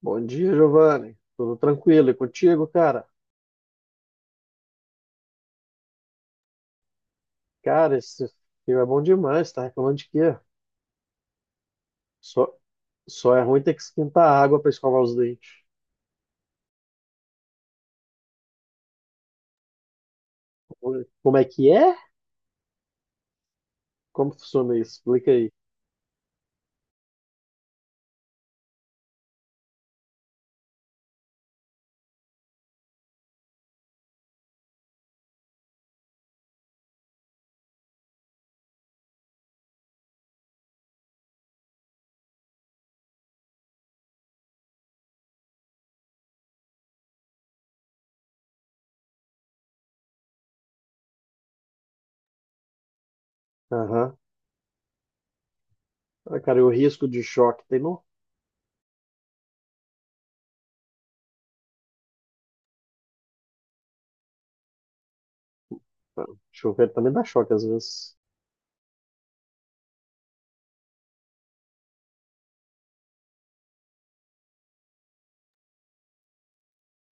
Bom dia, Giovanni. Tudo tranquilo e contigo, cara? Cara, esse filme é bom demais, tá reclamando de quê? Só, só é ruim ter que esquentar a água para escovar os dentes. Como é que é? Como funciona isso? Explica aí. Aham. Ah, cara, e o risco de choque tem não? Ah, chover também dá choque às vezes.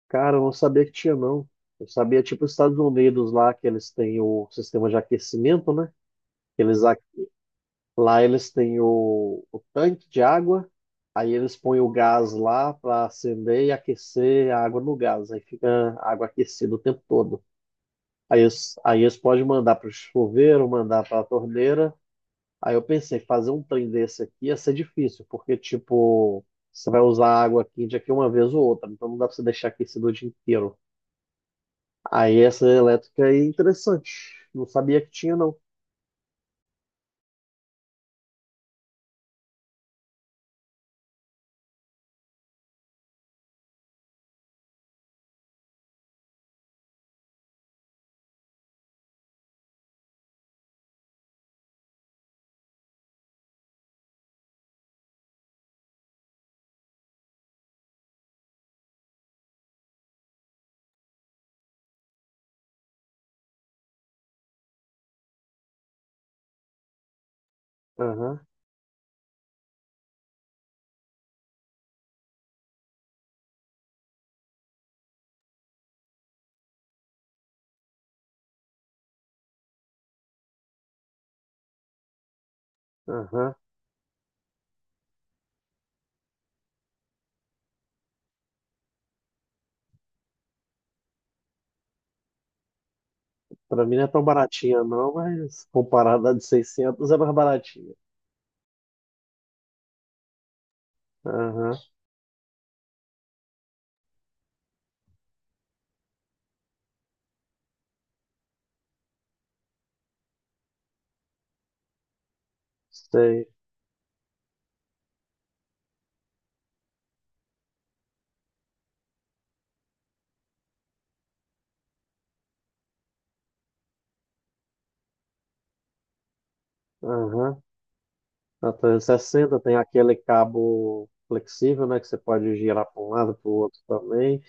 Cara, eu não sabia que tinha, não. Eu sabia, tipo, os Estados Unidos lá, que eles têm o sistema de aquecimento, né? Eles Lá eles têm o tanque de água, aí eles põem o gás lá para acender e aquecer a água no gás, aí fica a água aquecida o tempo todo. Aí eles podem mandar para o chuveiro, mandar para a torneira. Aí eu pensei, fazer um trem desse aqui ia ser difícil, porque, tipo, você vai usar a água quente aqui uma vez ou outra, então não dá para você deixar aquecido o dia inteiro. Aí essa elétrica aí é interessante, não sabia que tinha, não. Aham, aham. Pra mim não é tão baratinha não, mas comparada a de 600 é mais baratinha. Aham, sei. Aham. A 360 tem aquele cabo flexível, né, que você pode girar para um lado, para o outro também.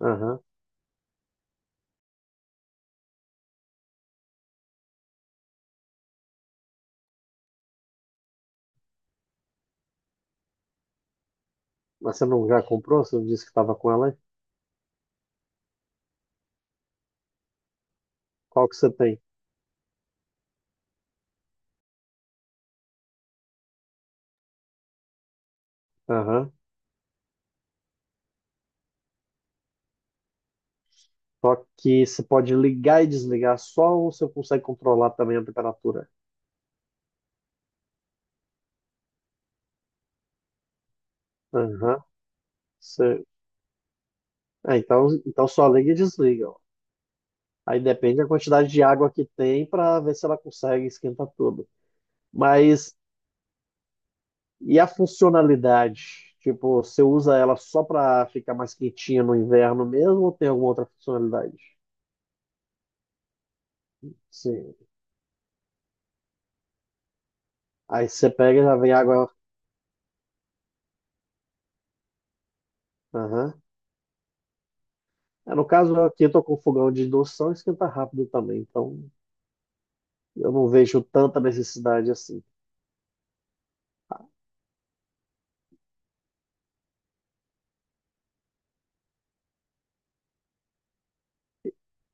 Aham. Mas você não já comprou? Você não disse que estava com ela, hein? Qual que você tem? Aham. Só que você pode ligar e desligar só ou você consegue controlar também a temperatura? Aham. Você... É, então só liga e desliga. Aí depende da quantidade de água que tem para ver se ela consegue esquentar tudo. Mas e a funcionalidade? Tipo, você usa ela só para ficar mais quentinha no inverno mesmo ou tem alguma outra funcionalidade? Sim. Aí você pega e já vem água. Aham. É, no caso, aqui eu tô com fogão de indução, esquenta rápido também. Então eu não vejo tanta necessidade assim.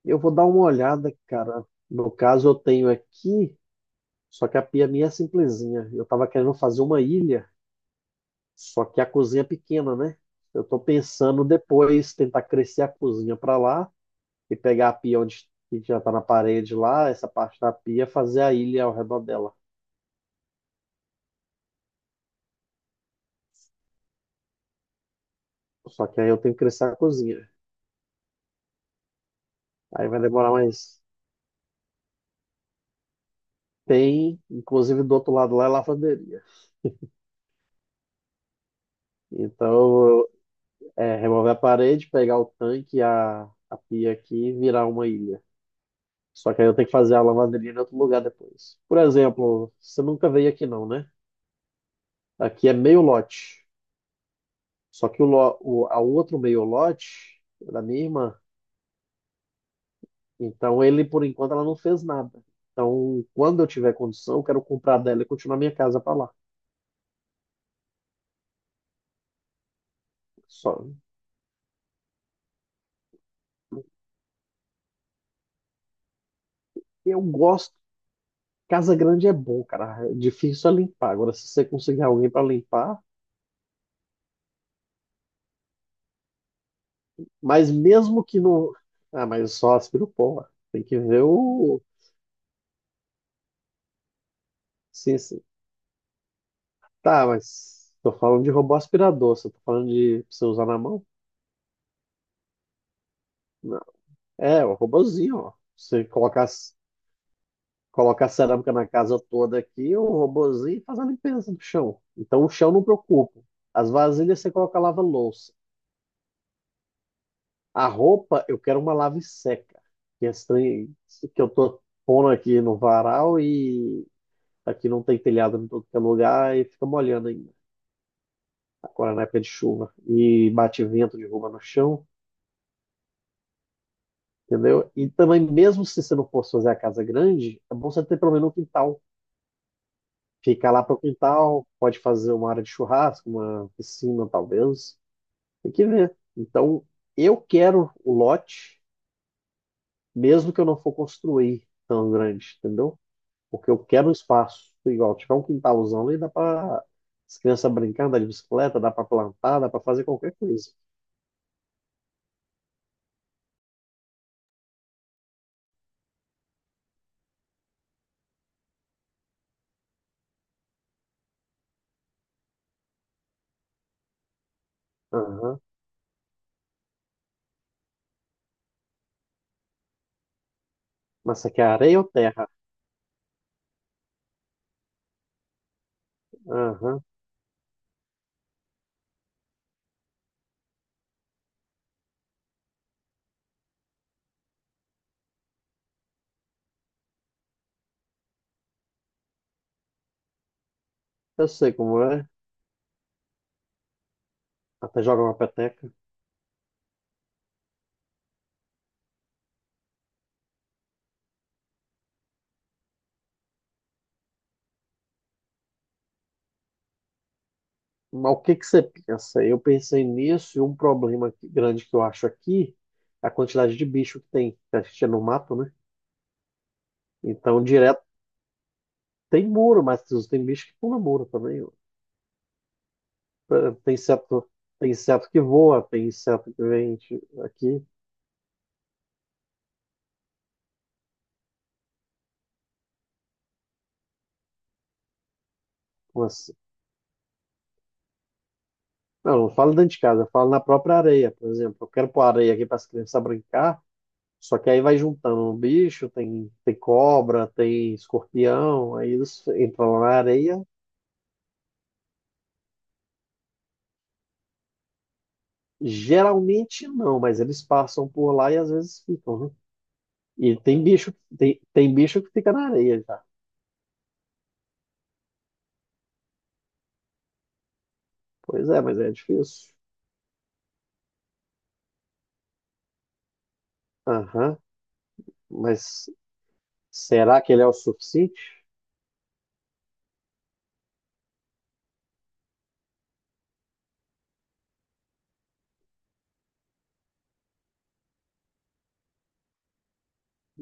Eu vou dar uma olhada, cara. No caso, eu tenho aqui, só que a pia minha é simplesinha. Eu tava querendo fazer uma ilha. Só que a cozinha é pequena, né? Eu tô pensando depois tentar crescer a cozinha para lá e pegar a pia onde que já tá na parede lá, essa parte da pia, fazer a ilha ao redor dela. Só que aí eu tenho que crescer a cozinha. Aí vai demorar mais. Tem, inclusive do outro lado lá é lavanderia. Então, é remover a parede, pegar o tanque, e a pia aqui e virar uma ilha. Só que aí eu tenho que fazer a lavanderia em outro lugar depois. Por exemplo, você nunca veio aqui não, né? Aqui é meio lote. Só que a outro meio lote é da minha irmã. Então ele, por enquanto, ela não fez nada. Então, quando eu tiver condição, eu quero comprar dela e continuar minha casa para lá. Só. Eu gosto. Casa grande é bom, cara. É difícil é limpar. Agora, se você conseguir alguém para limpar, mas mesmo que não. Ah, mas eu só aspiro pó. Ué. Tem que ver o. Sim, sim. Tá, mas tô falando de robô aspirador. Você tá falando de pra você usar na mão? Não. É, o robozinho, ó. Você colocar Coloca a cerâmica na casa toda aqui, o robozinho faz a limpeza do chão. Então o chão não preocupa. As vasilhas você coloca lava-louça. A roupa, eu quero uma lave seca. Que é estranho, isso que eu tô pondo aqui no varal e aqui não tem telhado em todo que é lugar e fica molhando ainda. Agora na época de chuva. E bate vento, derruba no chão, entendeu? E também, mesmo se você não fosse fazer a casa grande, é bom você ter pelo menos um quintal. Fica lá pro quintal, pode fazer uma área de churrasco, uma piscina, talvez. Tem que ver. Então, eu quero o lote, mesmo que eu não for construir tão grande, entendeu? Porque eu quero um espaço igual. Tiver um quintalzão ali, dá para as crianças brincar, andar de bicicleta, dá para plantar, dá para fazer qualquer coisa. Aham. Mas isso aqui é areia ou terra? Aham. Eu sei como é. Até joga uma peteca. Mas o que que você pensa? Eu pensei nisso e um problema grande que eu acho aqui é a quantidade de bicho que tem. Que a gente é no mato, né? Então, direto tem muro, mas tem bicho que pula muro também. Tem inseto, tem inseto que voa, tem inseto que vem aqui. Mas não, não falo dentro de casa, eu falo na própria areia, por exemplo. Eu quero pôr areia aqui para as crianças brincar, só que aí vai juntando um bicho, tem, cobra, tem escorpião, aí eles entram lá na areia. Geralmente não, mas eles passam por lá e às vezes ficam, né? E tem bicho que fica na areia já. Pois é, mas é difícil. Aham, mas será que ele é o suficiente?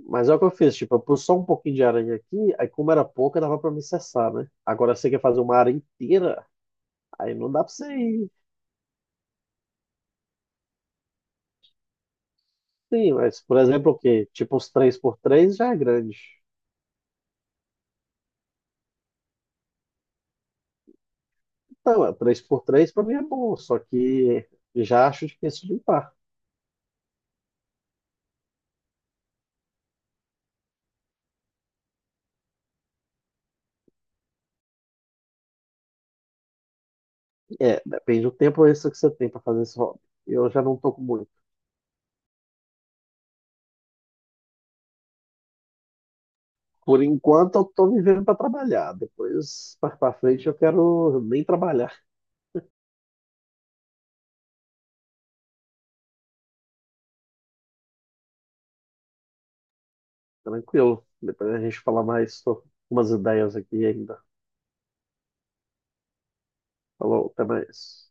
Mas é o que eu fiz, tipo, eu pus só um pouquinho de aranha aqui, aí como era pouca, dava pra me cessar, né? Agora você quer fazer uma área inteira, aí não dá pra você ir. Sim, mas por exemplo, o quê? Tipo, uns 3x3 já é grande. Então, é, 3x3 pra mim é bom, só que já acho difícil de limpar. É, depende do tempo extra que você tem para fazer esse hobby. Eu já não tô com muito. Por enquanto, eu tô vivendo para trabalhar. Depois, mais para frente, eu quero nem trabalhar. Tranquilo. Depois a gente fala mais sobre umas ideias aqui ainda. Falou, até mais.